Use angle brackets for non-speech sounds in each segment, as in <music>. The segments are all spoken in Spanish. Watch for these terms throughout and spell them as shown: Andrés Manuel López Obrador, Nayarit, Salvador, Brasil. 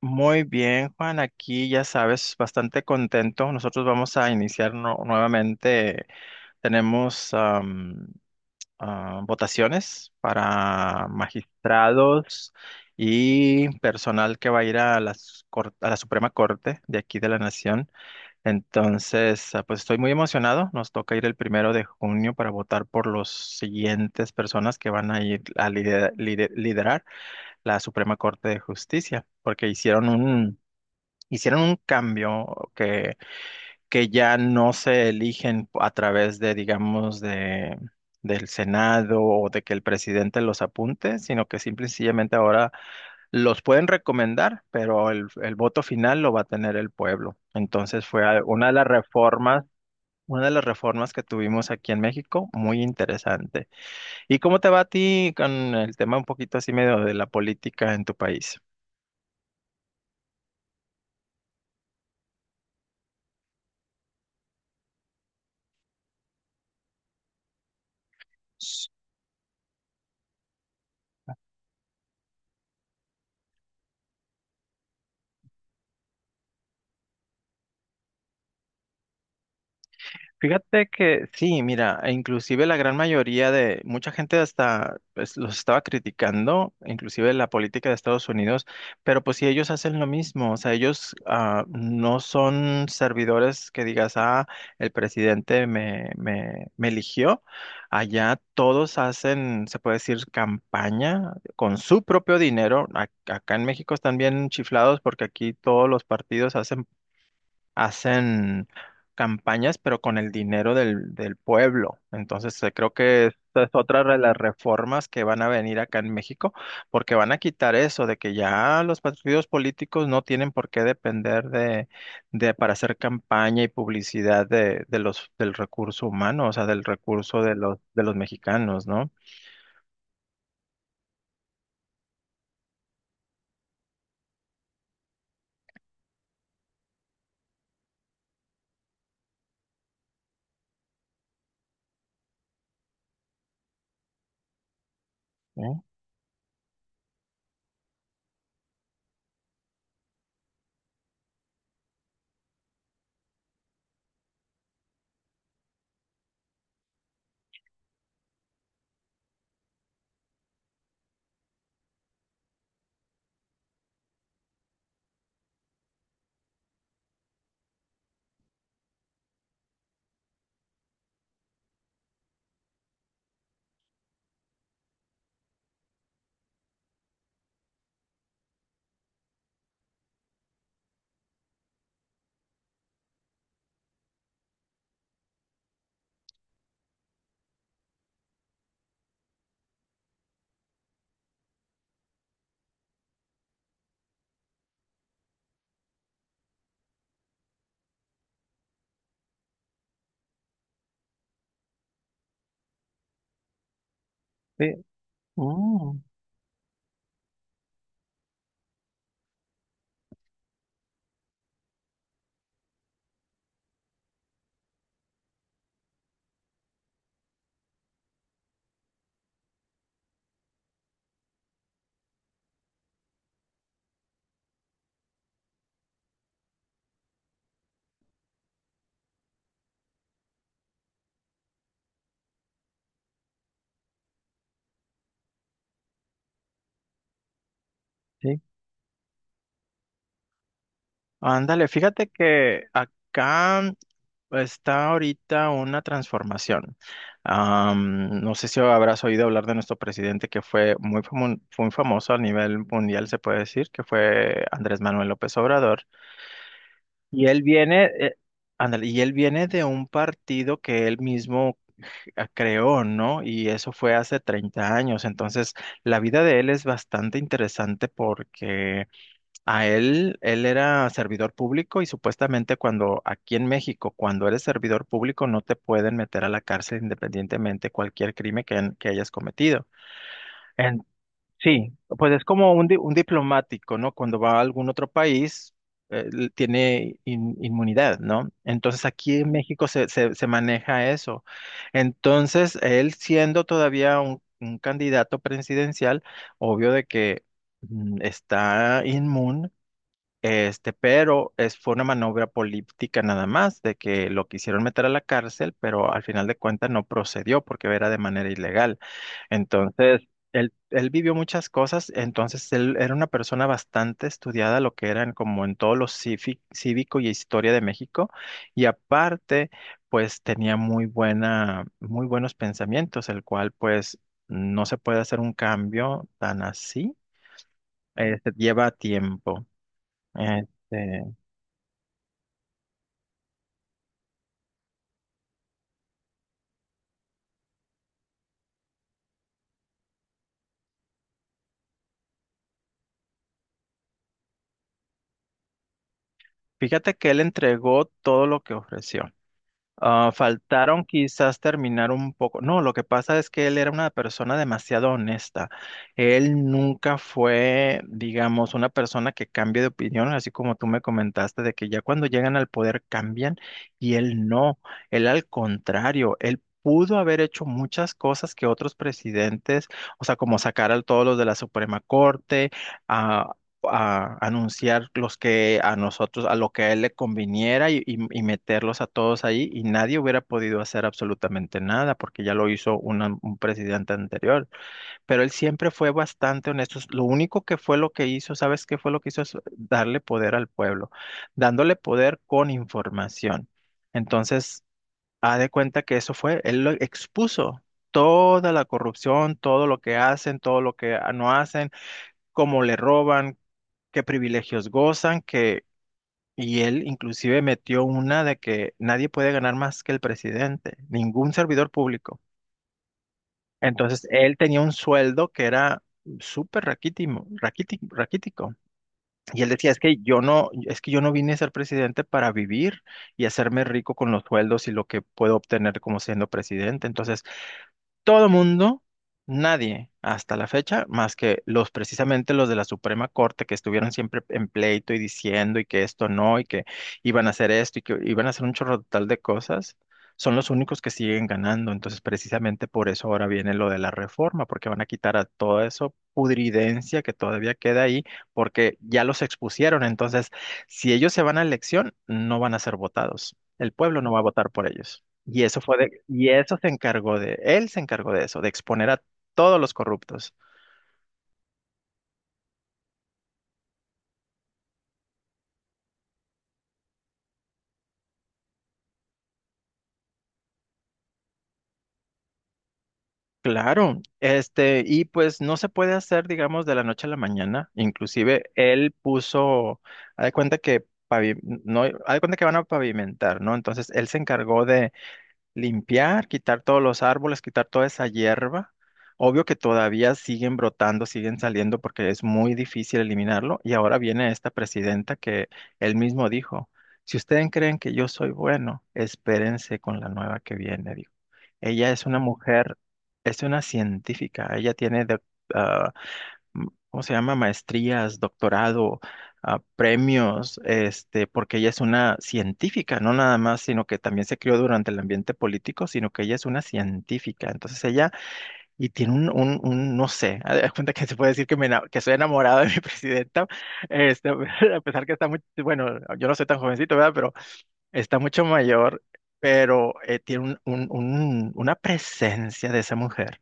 Muy bien, Juan, aquí ya sabes, bastante contento. Nosotros vamos a iniciar nuevamente. Tenemos votaciones para magistrados y personal que va a ir a la Suprema Corte de aquí de la Nación. Entonces, pues estoy muy emocionado. Nos toca ir el 1 de junio para votar por los siguientes personas que van a ir a liderar la Suprema Corte de Justicia, porque hicieron un cambio que ya no se eligen a través de, digamos, del Senado o de que el presidente los apunte, sino que simple y sencillamente ahora los pueden recomendar, pero el voto final lo va a tener el pueblo. Entonces fue una de las reformas. Una de las reformas que tuvimos aquí en México, muy interesante. ¿Y cómo te va a ti con el tema un poquito así medio de la política en tu país? Fíjate que sí, mira, e inclusive la gran mayoría de mucha gente hasta pues, los estaba criticando, inclusive la política de Estados Unidos, pero pues si ellos hacen lo mismo, o sea, ellos no son servidores que digas, el presidente me eligió, allá todos hacen, se puede decir, campaña con su propio dinero. Acá en México están bien chiflados porque aquí todos los partidos hacen campañas, pero con el dinero del pueblo. Entonces, creo que esta es otra de las reformas que van a venir acá en México, porque van a quitar eso de que ya los partidos políticos no tienen por qué depender de para hacer campaña y publicidad del recurso humano, o sea, del recurso de los mexicanos, ¿no? ¿Eh? Sí. Mm, sí. Ándale, fíjate que acá está ahorita una transformación. No sé si habrás oído hablar de nuestro presidente que fue muy famoso a nivel mundial, se puede decir, que fue Andrés Manuel López Obrador. Y él viene, ándale, y él viene de un partido que él mismo creó, ¿no? Y eso fue hace 30 años. Entonces, la vida de él es bastante interesante porque él era servidor público y supuestamente cuando aquí en México, cuando eres servidor público, no te pueden meter a la cárcel independientemente cualquier crimen que, que hayas cometido. En- sí, pues es como un diplomático, ¿no? Cuando va a algún otro país, tiene inmunidad, ¿no? Entonces aquí en México se maneja eso. Entonces, él siendo todavía un candidato presidencial, obvio de que está inmune pero fue una maniobra política nada más, de que lo quisieron meter a la cárcel, pero al final de cuentas no procedió porque era de manera ilegal. Entonces, él vivió muchas cosas, entonces él era una persona bastante estudiada, lo que eran como en todo lo cívico y historia de México, y aparte, pues tenía muy buenos pensamientos, el cual pues no se puede hacer un cambio tan así, lleva tiempo. Este, Fíjate que él entregó todo lo que ofreció. Ah, faltaron quizás terminar un poco. No, lo que pasa es que él era una persona demasiado honesta. Él nunca fue, digamos, una persona que cambie de opinión, así como tú me comentaste, de que ya cuando llegan al poder cambian y él no. Él al contrario, él pudo haber hecho muchas cosas que otros presidentes, o sea, como sacar a todos los de la Suprema Corte, a anunciar los que a nosotros, a lo que a él le conviniera y meterlos a todos ahí y nadie hubiera podido hacer absolutamente nada porque ya lo hizo un presidente anterior. Pero él siempre fue bastante honesto. Lo único que fue lo que hizo, ¿sabes qué fue lo que hizo? Es darle poder al pueblo, dándole poder con información. Entonces, haz de cuenta que eso fue, él lo expuso. Toda la corrupción, todo lo que hacen, todo lo que no hacen, cómo le roban, qué privilegios gozan, que, y él inclusive metió una de que nadie puede ganar más que el presidente, ningún servidor público. Entonces, él tenía un sueldo que era súper raquítico. Y él decía, es que yo no, es que yo no vine a ser presidente para vivir y hacerme rico con los sueldos y lo que puedo obtener como siendo presidente. Entonces, todo mundo, nadie hasta la fecha, más que los precisamente los de la Suprema Corte que estuvieron siempre en pleito y diciendo y que esto no y que iban a hacer esto y que iban a hacer un chorro total de cosas, son los únicos que siguen ganando. Entonces, precisamente por eso ahora viene lo de la reforma, porque van a quitar a todo eso pudridencia que todavía queda ahí, porque ya los expusieron. Entonces, si ellos se van a elección, no van a ser votados. El pueblo no va a votar por ellos. Y eso fue de, y eso se encargó de, él se encargó de eso, de exponer a todos los corruptos. Claro, este, y pues no se puede hacer, digamos, de la noche a la mañana. Inclusive él puso, haz de cuenta que no, haz de cuenta que van a pavimentar, ¿no? Entonces él se encargó de limpiar, quitar todos los árboles, quitar toda esa hierba. Obvio que todavía siguen brotando, siguen saliendo porque es muy difícil eliminarlo. Y ahora viene esta presidenta que él mismo dijo, si ustedes creen que yo soy bueno, espérense con la nueva que viene, dijo. Ella es una mujer, es una científica, ella tiene mm, ¿cómo se llama? Maestrías, doctorado, ah, premios, este, porque ella es una científica, no nada más, sino que también se crió durante el ambiente político, sino que ella es una científica. Entonces ella, y tiene no sé, <laughs> haz de cuenta que se puede decir que, que soy enamorado de mi <laughs> presidenta, este, <laughs> a pesar que está bueno, yo no soy tan jovencito, ¿verdad? Pero está mucho mayor, pero tiene una presencia de esa mujer.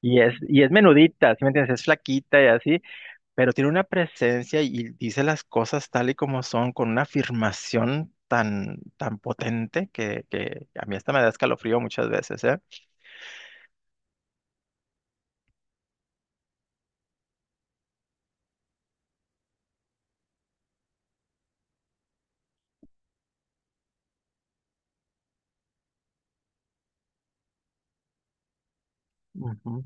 Y es menudita, ¿sí me entiendes? Es flaquita y así, pero tiene una presencia y dice las cosas tal y como son, con una afirmación tan, tan potente que a mí hasta me da escalofrío muchas veces, ¿eh? Ujú.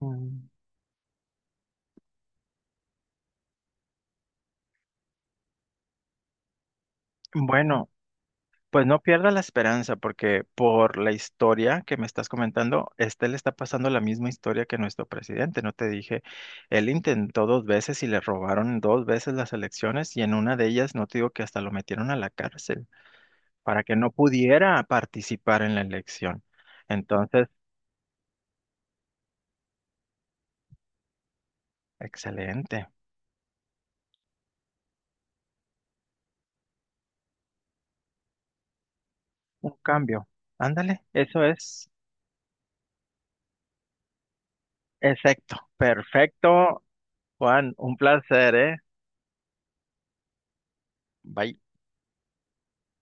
Mm. Bueno, pues no pierda la esperanza porque por la historia que me estás comentando, este le está pasando la misma historia que nuestro presidente, ¿no te dije? Él intentó dos veces y le robaron dos veces las elecciones y en una de ellas, no te digo que hasta lo metieron a la cárcel, para que no pudiera participar en la elección. Entonces, excelente, un cambio. Ándale, eso es exacto. Perfecto, Juan, un placer, ¿eh? Bye.